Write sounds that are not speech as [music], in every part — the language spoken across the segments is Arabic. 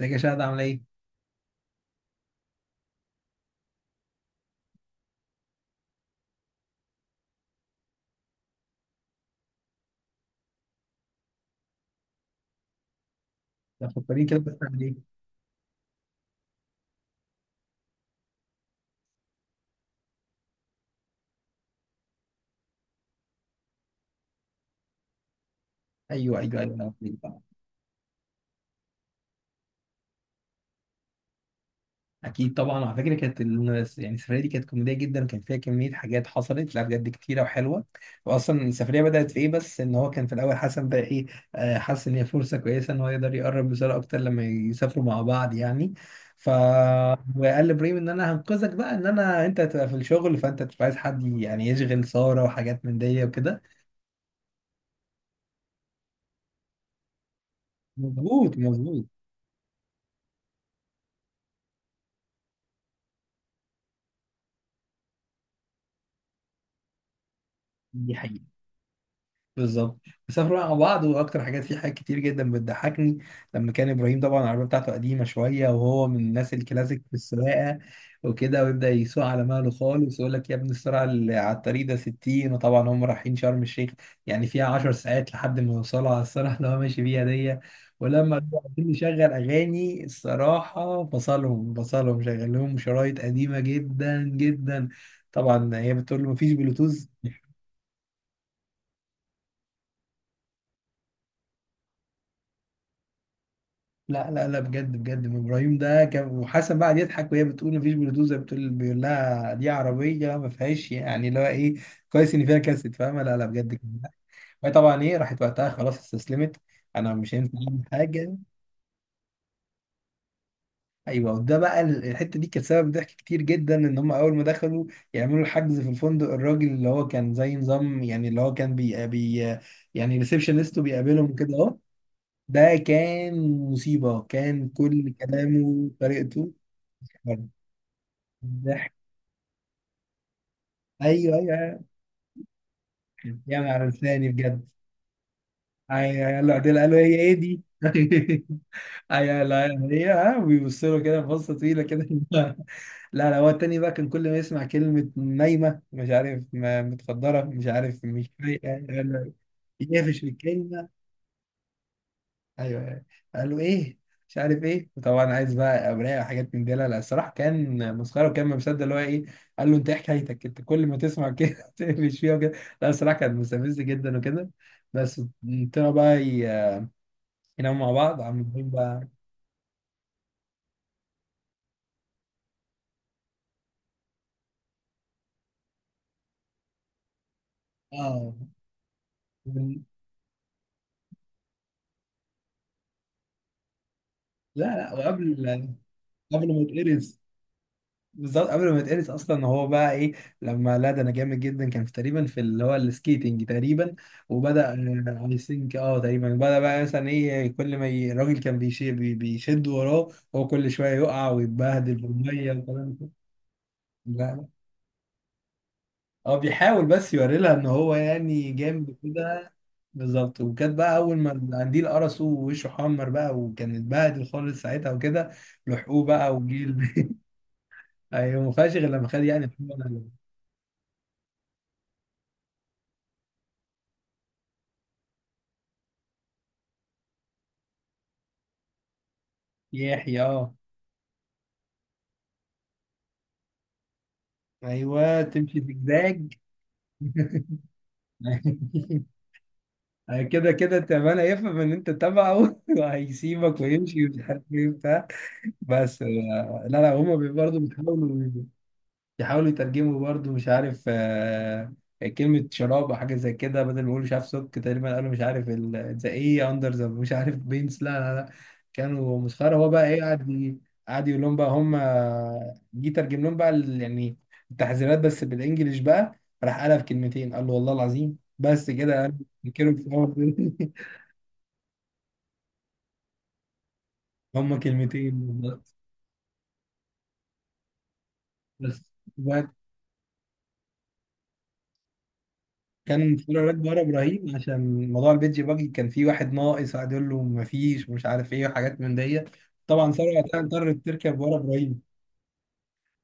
ازيك يا شهد، عامله ايه؟ لا، فكريني، كده كنت عامل ايه؟ ايوه ايوه ايوه، أنا فاكر طبعا. اكيد طبعا، على فكره كانت السفريه دي كانت كوميديه جدا، وكان فيها كميه حاجات حصلت، لا بجد كتيره وحلوه. واصلا السفريه بدات في ايه؟ بس ان هو كان في الاول حسن بقى ايه، حاسس ان هي فرصه كويسه ان هو يقدر يقرب لساره اكتر لما يسافروا مع بعض يعني. ف وقال لابراهيم ان انا هنقذك بقى، ان انا انت هتبقى في الشغل، فانت مش عايز حد يعني يشغل ساره وحاجات من دي وكده. مظبوط مظبوط. دي بالظبط. بيسافروا بقى مع بعض، واكتر حاجات في حاجات كتير جدا بتضحكني لما كان ابراهيم طبعا، العربيه بتاعته قديمه شويه وهو من الناس الكلاسيك في السواقه وكده. ويبدا يسوق على مهله خالص، يقول لك يا ابني السرعه اللي على الطريق ده 60، وطبعا هم رايحين شرم الشيخ يعني فيها 10 ساعات لحد ما يوصلوا على السرعه اللي هو ماشي بيها دي. ولما بيبقوا عايزين يشغل اغاني الصراحه، فصلهم شغل لهم شرايط قديمه جدا جدا. طبعا هي بتقول له مفيش بلوتوث. لا لا لا، بجد بجد ابراهيم ده كان، وحسن بقى يضحك، وهي بتقول مفيش بلوتوث، زي بتقول بيقول لها دي عربيه ما فيهاش يعني اللي هو ايه. كويس ان فيها كاسيت، فاهمه؟ لا لا بجد كان ضحك. وهي طبعا ايه، راحت وقتها خلاص استسلمت، انا مش هينفع اعمل حاجه. ايوه، وده بقى الحته دي كانت سبب ضحك كتير جدا. ان هم اول ما دخلوا يعملوا الحجز في الفندق، الراجل اللي هو كان زي نظام، يعني اللي هو كان بي, بي يعني ريسبشنست بيقابلهم كده اهو. ده كان مصيبه، كان كل كلامه وطريقته ضحك. ايوه ايوه أيوة. يا نهار لساني بجد. ايوه يلا عدل، قالوا هي ايه دي؟ [laughs] ايوه لا، هي ها، بيبصوا له كده بصه طويله كده. [laughs] لا لا، هو التاني بقى كان كل ما يسمع كلمه نايمه، مش عارف متخدره، مش عارف، مش فايقه، يقفش في الكلمه. ايوه أيوة. قال له ايه، مش عارف ايه، وطبعا عايز بقى اوراق وحاجات من دي. لا لا الصراحه كان مسخره، وكان ما مصدق اللي هو ايه. قال له انت ايه حكايتك؟ انت كل ما تسمع كده [laughs] تقفش فيها وكده. لا الصراحه كان مستفز جدا وكده. بس طلعوا بقى يناموا مع بعض عاملين بقى، اه. لا لا، وقبل، قبل ما يتقرص، بالظبط قبل ما يتقرص، اصلا هو بقى ايه لما، لا ده انا جامد جدا، كان في تقريبا في اللي هو السكيتنج تقريبا. وبدا، اي ثينك اه تقريبا، بدا بقى مثلا ايه كل ما الراجل كان بيشي بيشد وراه، هو كل شويه يقع ويتبهدل بالميه والكلام ده. لا، هو بيحاول بس يوري لها ان هو يعني جامد كده. بالظبط، وكانت بقى اول ما القنديل قرصه ووشه حمر بقى، وكان اتبهدل خالص ساعتها وكده. لحقوه بقى وجيل. [laughs] ايوه، ما فيهاش غير لما خد يعني. يحيى اه. ايوه تمشي زجزاج. [laughs] كده كده تعبان هيفهم ان انت تبعه، [laughs] وهيسيبك ويمشي، ومش عارف ايه بتاع. بس لا لا هما برضه بيحاولوا يحاولوا يترجموا، برضو مش عارف، كلمة شراب أو حاجة زي كده، بدل ما يقولوا مش عارف سك، تقريبا قالوا مش عارف ذا إيه أندر ذا، مش عارف بينس، لا لا لا كانوا مسخرة. هو بقى إيه، قعد قعد يقول لهم بقى هم، جه ترجم لهم بقى التحذيرات بس بالإنجلش بقى، راح قالها في كلمتين، قال له والله العظيم بس كده قال، ينكروا في أول. [laughs] هم كلمتين بالظبط. بس كان فلورة راكبة ورا ابراهيم، عشان موضوع البيتج باجي، كان في واحد ناقص، قعد يقول له مفيش ومش عارف ايه وحاجات من دي. طبعا ثروت وقتها اضطرت تركب ورا ابراهيم.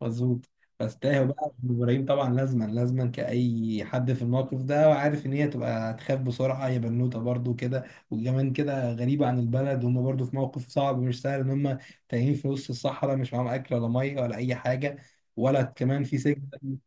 مظبوط. بس تاهوا بقى، ابراهيم طبعا لازما لازما كأي حد في الموقف ده، وعارف ان هي تبقى تخاف بسرعة، هي بنوتة برضو كده، وكمان كده غريبة عن البلد، وهم برضو في موقف صعب مش سهل، ان هم تايهين في وسط الصحراء، مش معاهم اكل ولا مية ولا اي حاجة، ولا كمان في سجن.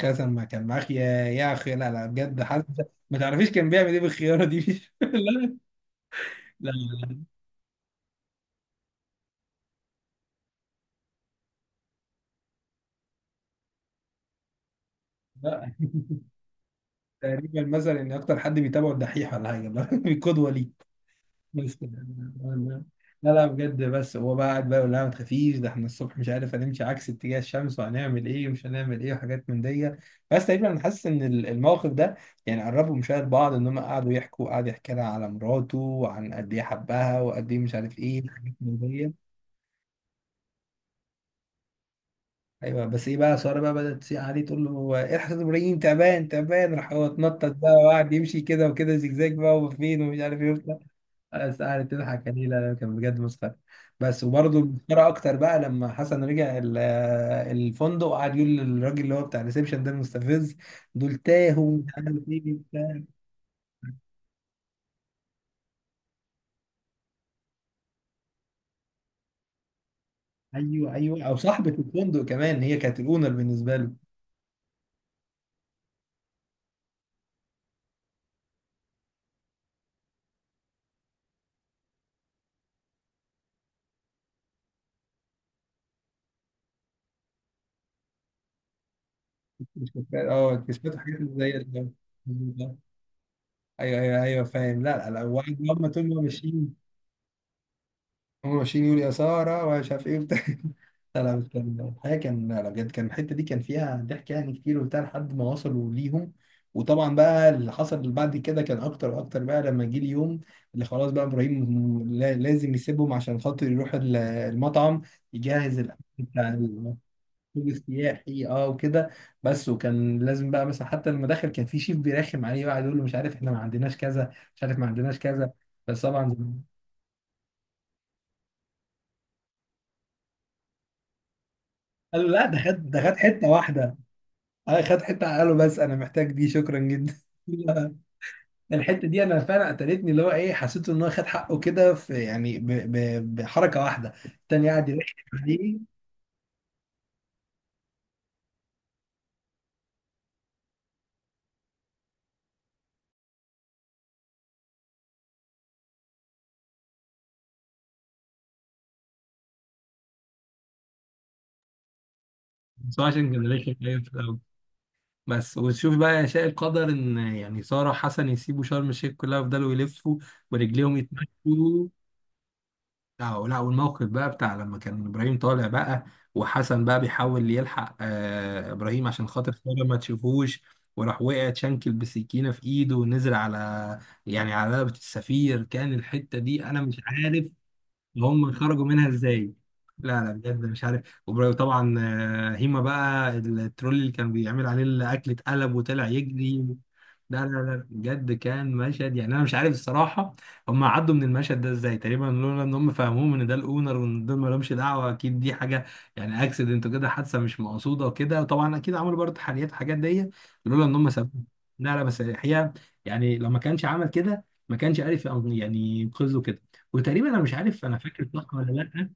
قسما ما كان معاك يا، يا اخي لا لا بجد، حد ما تعرفيش كان بيعمل ايه بالخياره دي. [laughs] لا لا لا، لا. تقريبا مثلا ان اكتر حد بيتابعه الدحيح ولا حاجه، [laughs] قدوه ليه. بس كده. لا لا بجد، بس هو بقى قاعد بقى يقول لها ما تخافيش، ده احنا الصبح مش عارف هنمشي عكس اتجاه الشمس، وهنعمل ايه ومش هنعمل ايه وحاجات من دي. بس تقريبا انا حاسس ان الموقف ده يعني قربوا مشاهد بعض، ان هم قعدوا يحكوا، قعد يحكي لها على مراته وعن قد ايه حبها وقد ايه مش عارف ايه، حاجات من دي. ايوه. بس ايه بقى، ساره بقى بدات تسيء عليه، تقول له هو ايه الحسن ابراهيم تعبان تعبان، راح هو اتنطط بقى وقعد يمشي كده وكده زجزاج بقى وفين ومش عارف ايه وبتاع، بس قعدت تضحك عليه. لا لا، كان بجد مسخره. بس وبرده مسخره اكتر بقى لما حسن رجع الفندق، وقعد يقول للراجل اللي هو بتاع الريسبشن ده المستفز، دول تاهوا مش عارف ايه وبتاع. ايوه ايوه، او صاحبه الفندق كمان، هي كانت الاونر بالنسبه له. مش فاكر- اه اكتشفت حاجات زي ايوه ايوه ايوه فاهم. لا لا لا، وقعد هم طول ما ماشيين، هم ماشيين يقولوا يا ساره ومش عارف ايه وبتاع. [laughs] لا لا بس كان الحقيقه كان، لا لا بجد كان الحته دي كان فيها ضحك يعني كتير وبتاع، لحد ما وصلوا ليهم. وطبعا بقى اللي حصل بعد كده كان اكتر واكتر بقى، لما جه اليوم اللي خلاص بقى ابراهيم لازم يسيبهم عشان خاطر يروح المطعم يجهز الاكل بتاع المفروض السياحي اه وكده. بس وكان لازم بقى مثلا، حتى لما دخل كان في شيف بيرخم عليه بقى، يقول له مش عارف احنا ما عندناش كذا، مش عارف ما عندناش كذا. بس طبعا قال له لا ده خد، ده خد حته واحده، اه خد حته على قاله، بس انا محتاج دي، شكرا جدا. [laughs] لا، الحته دي انا فعلا قتلتني، اللي هو ايه حسيت ان هو خد حقه كده، في يعني بحركه واحده، التاني قاعد يلحق عليه. بس هو عشان كان رخم أيوة في الأول. بس وتشوف بقى يا شاء القدر إن يعني سارة وحسن يسيبوا شرم الشيخ كلها ويفضلوا يلفوا ورجليهم يتمشوا. لا لا، والموقف بقى بتاع لما كان ابراهيم طالع بقى، وحسن بقى بيحاول يلحق ابراهيم عشان خاطر خاله ما تشوفوش، وراح وقع اتشنكل بسكينه في ايده، ونزل على يعني على رقبه السفير، كان الحته دي انا مش عارف هم خرجوا منها ازاي. لا لا بجد مش عارف. وطبعا هيما بقى الترول اللي كان بيعمل عليه الاكل اتقلب وطلع يجري. لا لا لا بجد كان مشهد، يعني انا مش عارف الصراحه هم عدوا من المشهد ده ازاي، تقريبا لولا ان هم فهموه ان ده الاونر، وان دول ما لهمش دعوه، اكيد دي حاجه يعني اكسيدنت وكده، حادثه مش مقصوده وكده، طبعا اكيد عملوا برضه تحليات الحاجات دي، لولا ان هم سابوه. لا لا بس الحقيقه يعني لو ما كانش عمل كده، ما كانش عارف يعني ينقذه كده. وتقريبا انا مش عارف انا فاكر صح ولا لا،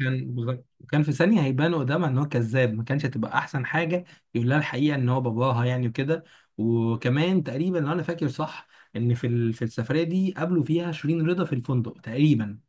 كان بغ... كان في ثانيه هيبان قدامها ان هو كذاب، ما كانش هتبقى احسن حاجه يقول لها الحقيقه ان هو باباها يعني وكده. وكمان تقريبا لو انا فاكر صح، ان في السفريه دي قابلوا فيها شيرين رضا في الفندق تقريبا.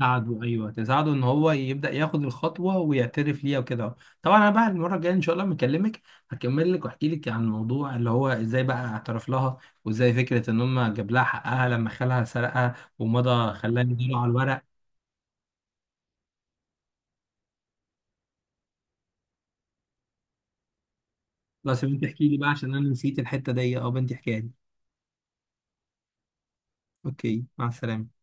ساعدوا، ايوه تساعدوا ان هو يبدا ياخد الخطوه ويعترف ليها وكده. طبعا انا بقى المره الجايه ان شاء الله لما اكلمك هكمل لك واحكي لك عن الموضوع، اللي هو ازاي بقى اعترف لها، وازاي فكره ان هم جاب لها حقها لما خالها سرقها ومضى خلاها يديله على الورق. بس يا بنتي احكي لي بقى، عشان انا نسيت الحتة دي، اه بنتي احكيها لي. اوكي مع السلامة.